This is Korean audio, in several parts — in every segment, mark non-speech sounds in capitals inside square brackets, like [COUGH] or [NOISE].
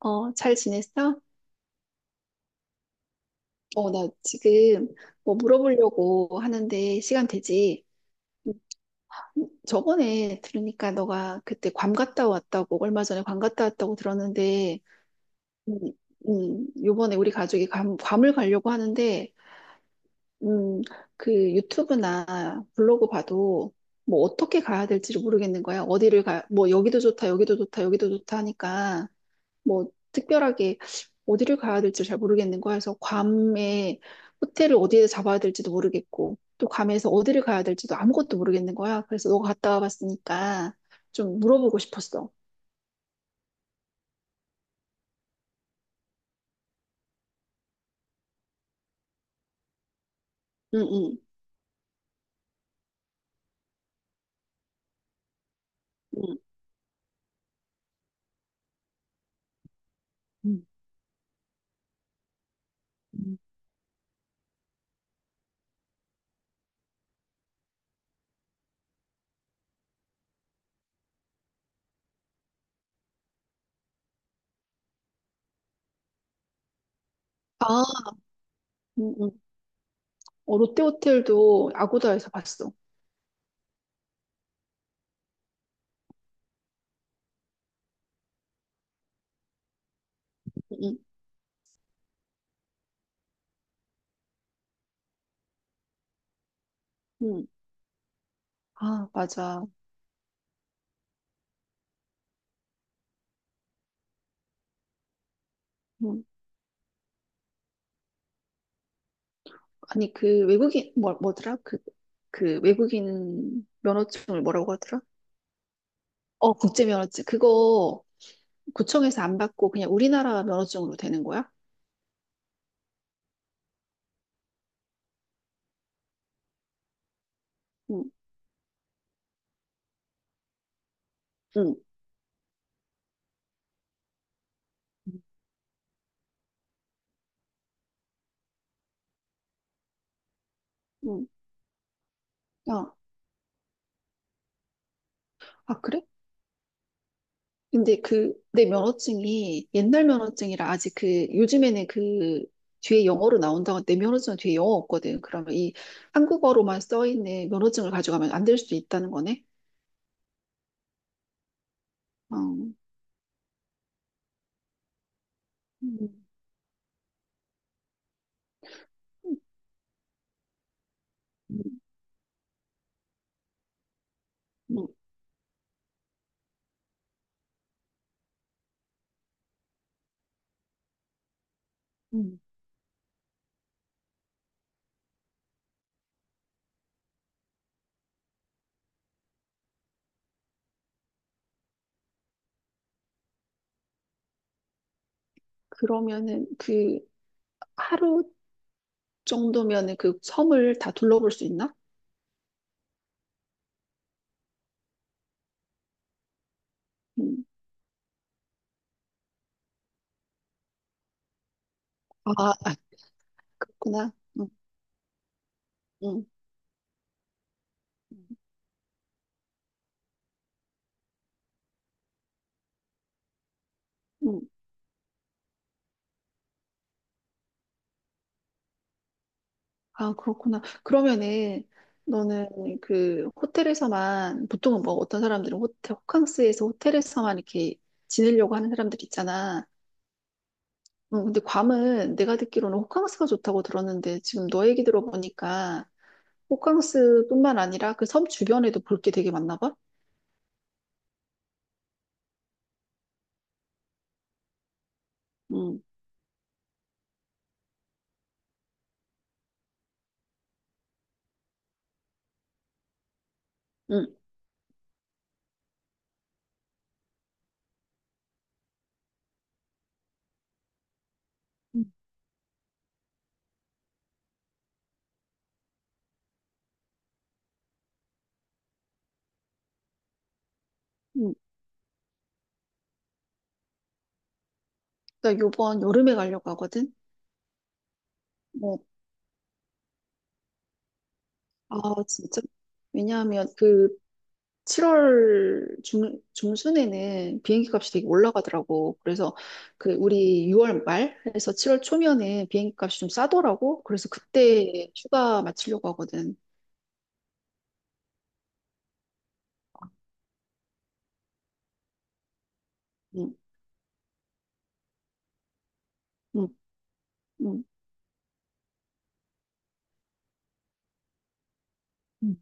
어, 잘 지냈어? 어, 나 지금 뭐 물어보려고 하는데 시간 되지? 음, 저번에 들으니까 너가 그때 괌 갔다 왔다고, 얼마 전에 괌 갔다 왔다고 들었는데, 음, 요번에 우리 가족이 괌을 가려고 하는데, 음, 그 유튜브나 블로그 봐도 뭐 어떻게 가야 될지를 모르겠는 거야. 어디를 가, 뭐 여기도 좋다, 여기도 좋다, 여기도 좋다 하니까. 뭐 특별하게 어디를 가야 될지 잘 모르겠는 거야. 그래서 괌에 호텔을 어디에 잡아야 될지도 모르겠고 또 괌에서 어디를 가야 될지도 아무것도 모르겠는 거야. 그래서 너가 갔다 와봤으니까 좀 물어보고 싶었어. 응응. 응. 응. 응. 응. 아, 응응. 어, 롯데호텔도 아고다에서 봤어. 응응. 응. 아, 맞아. 응. 아니 그 외국인 뭐 뭐더라? 그 외국인 면허증을 뭐라고 하더라? 어, 국제 면허증. 그거 구청에서 안 받고 그냥 우리나라 면허증으로 되는 거야? 응, 응, 응. 어. 아, 아, 그래? 근데 그, 내 면허증이 옛날 면허증이라 아직 그, 요즘에는 그, 뒤에 영어로 나온다고 내 면허증은 뒤에 영어 없거든. 그러면 이 한국어로만 써 있는 면허증을 가져가면 안 될 수도 있다는 거네. 어. 음, 음, 음, 음. 그러면은 그 하루 정도면은 그 섬을 다 둘러볼 수 있나? 음. 아, 그렇구나. 응, 응, 응. 응. 아, 그렇구나. 그러면은 너는 그 호텔에서만 보통은 뭐 어떤 사람들은 호텔 호캉스에서 호텔에서만 이렇게 지내려고 하는 사람들 있잖아. 응, 근데 괌은 내가 듣기로는 호캉스가 좋다고 들었는데 지금 너 얘기 들어보니까 호캉스뿐만 아니라 그 섬 주변에도 볼 게 되게 많나 봐. 응, 응, 응. 응. 나 요번 여름에 가려고 하거든. 어, 아, 진짜? 왜냐하면 그 7월 중순에는 비행기 값이 되게 올라가더라고. 그래서 그 우리 6월 말에서 7월 초면에 비행기 값이 좀 싸더라고. 그래서 그때 휴가 마치려고 하거든. 응, 응, 응, 응,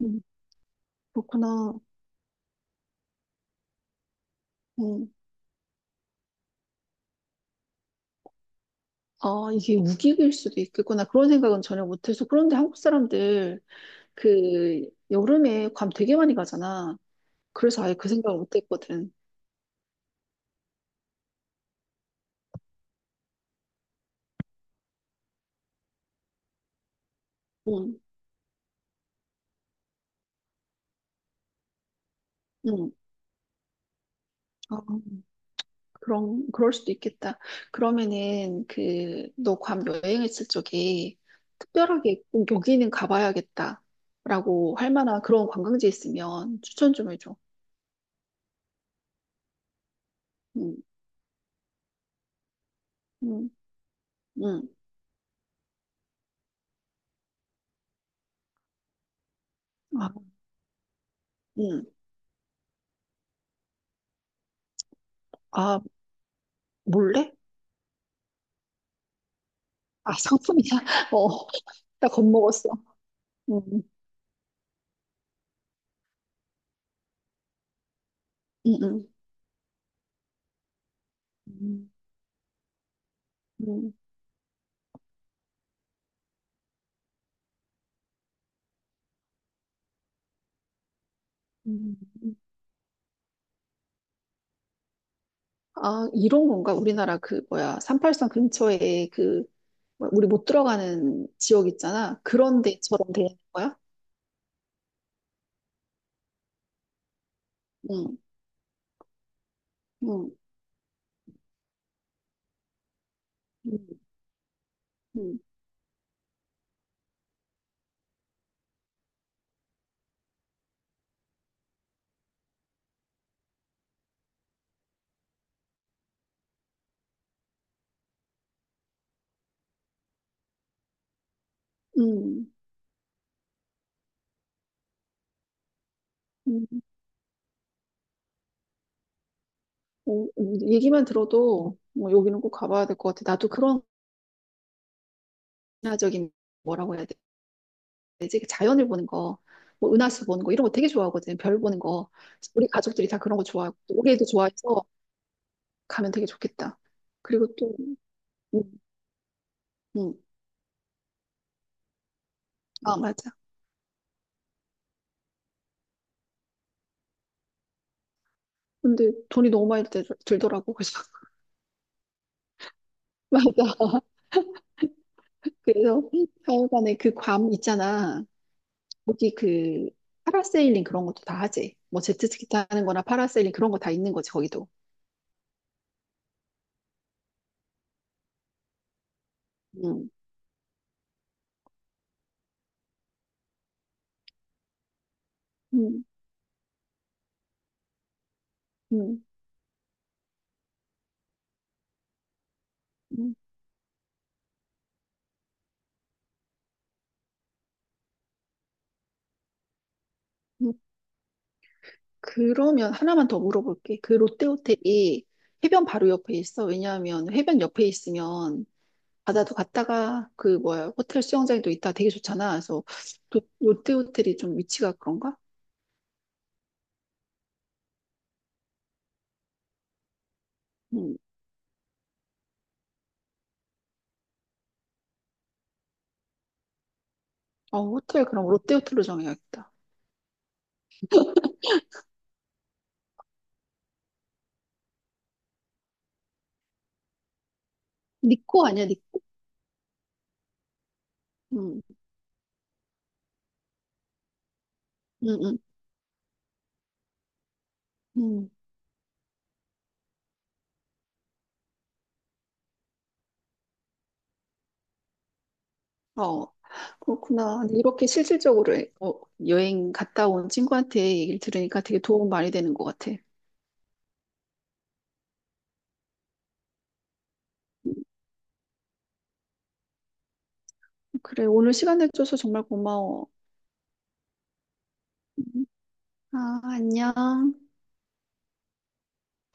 응. 그렇구나. 응. 아, 이게 우기일 수도 있겠구나. 그런 생각은 전혀 못해서. 그런데 한국 사람들 그 여름에 괌 되게 많이 가잖아. 그래서 아예 그 생각을 못했거든. 응, 응. 아, 그럴 수도 있겠다. 그러면은, 그, 너 괌 여행했을 적에 특별하게 꼭 여기는 가봐야겠다. 라고 할 만한 그런 관광지 있으면 추천 좀 해줘. 응, 응, 응. 아, 응. 아, 몰래? 아, 상품이야? [LAUGHS] 어, 나 겁먹었어. 응, 응, 응. 응, 응, 응. 응. 아, 이런 건가? 우리나라 그, 뭐야, 383 근처에 그, 뭐야, 우리 못 들어가는 지역 있잖아. 그런 데처럼 되는 거야? 응, 응, 응, 응, 응, 응. 어, 얘기만 들어도 뭐 여기는 꼭 가봐야 될 것 같아. 나도 그런 문화적인 뭐라고 해야 되지? 그 자연을 보는 거, 뭐 은하수 보는 거 이런 거 되게 좋아하거든. 별 보는 거. 우리 가족들이 다 그런 거 좋아하고 또 우리도 좋아해서 가면 되게 좋겠다. 그리고 또, 응, 응, 아 맞아. 근데 돈이 너무 많이 들더라고. 그래서 [LAUGHS] 맞아. 그래서 하여간에 그 괌 있잖아. 거기 그 파라세일링 그런 것도 다 하지. 뭐 제트스키 타는 거나 파라세일링 그런 거 다 있는 거지, 거기도. 음, 음, 음, 음, 음. 그러면 하나만 더 물어볼게. 그 롯데 호텔이 해변 바로 옆에 있어. 왜냐하면 해변 옆에 있으면 바다도 갔다가 그 뭐야 호텔 수영장도 있다 되게 좋잖아. 그래서 롯데 호텔이 좀 위치가 그런가? 음. 어, 호텔 그럼 롯데 호텔로 정해야겠다. 니코 아니야, 니코? 음, 음, 음, 음. 어, 그렇구나. 근데 이렇게 실질적으로 어, 여행 갔다 온 친구한테 얘기를 들으니까 되게 도움 많이 되는 것 같아. 그래, 오늘 시간 내줘서 정말 고마워. 음, 아, 안녕.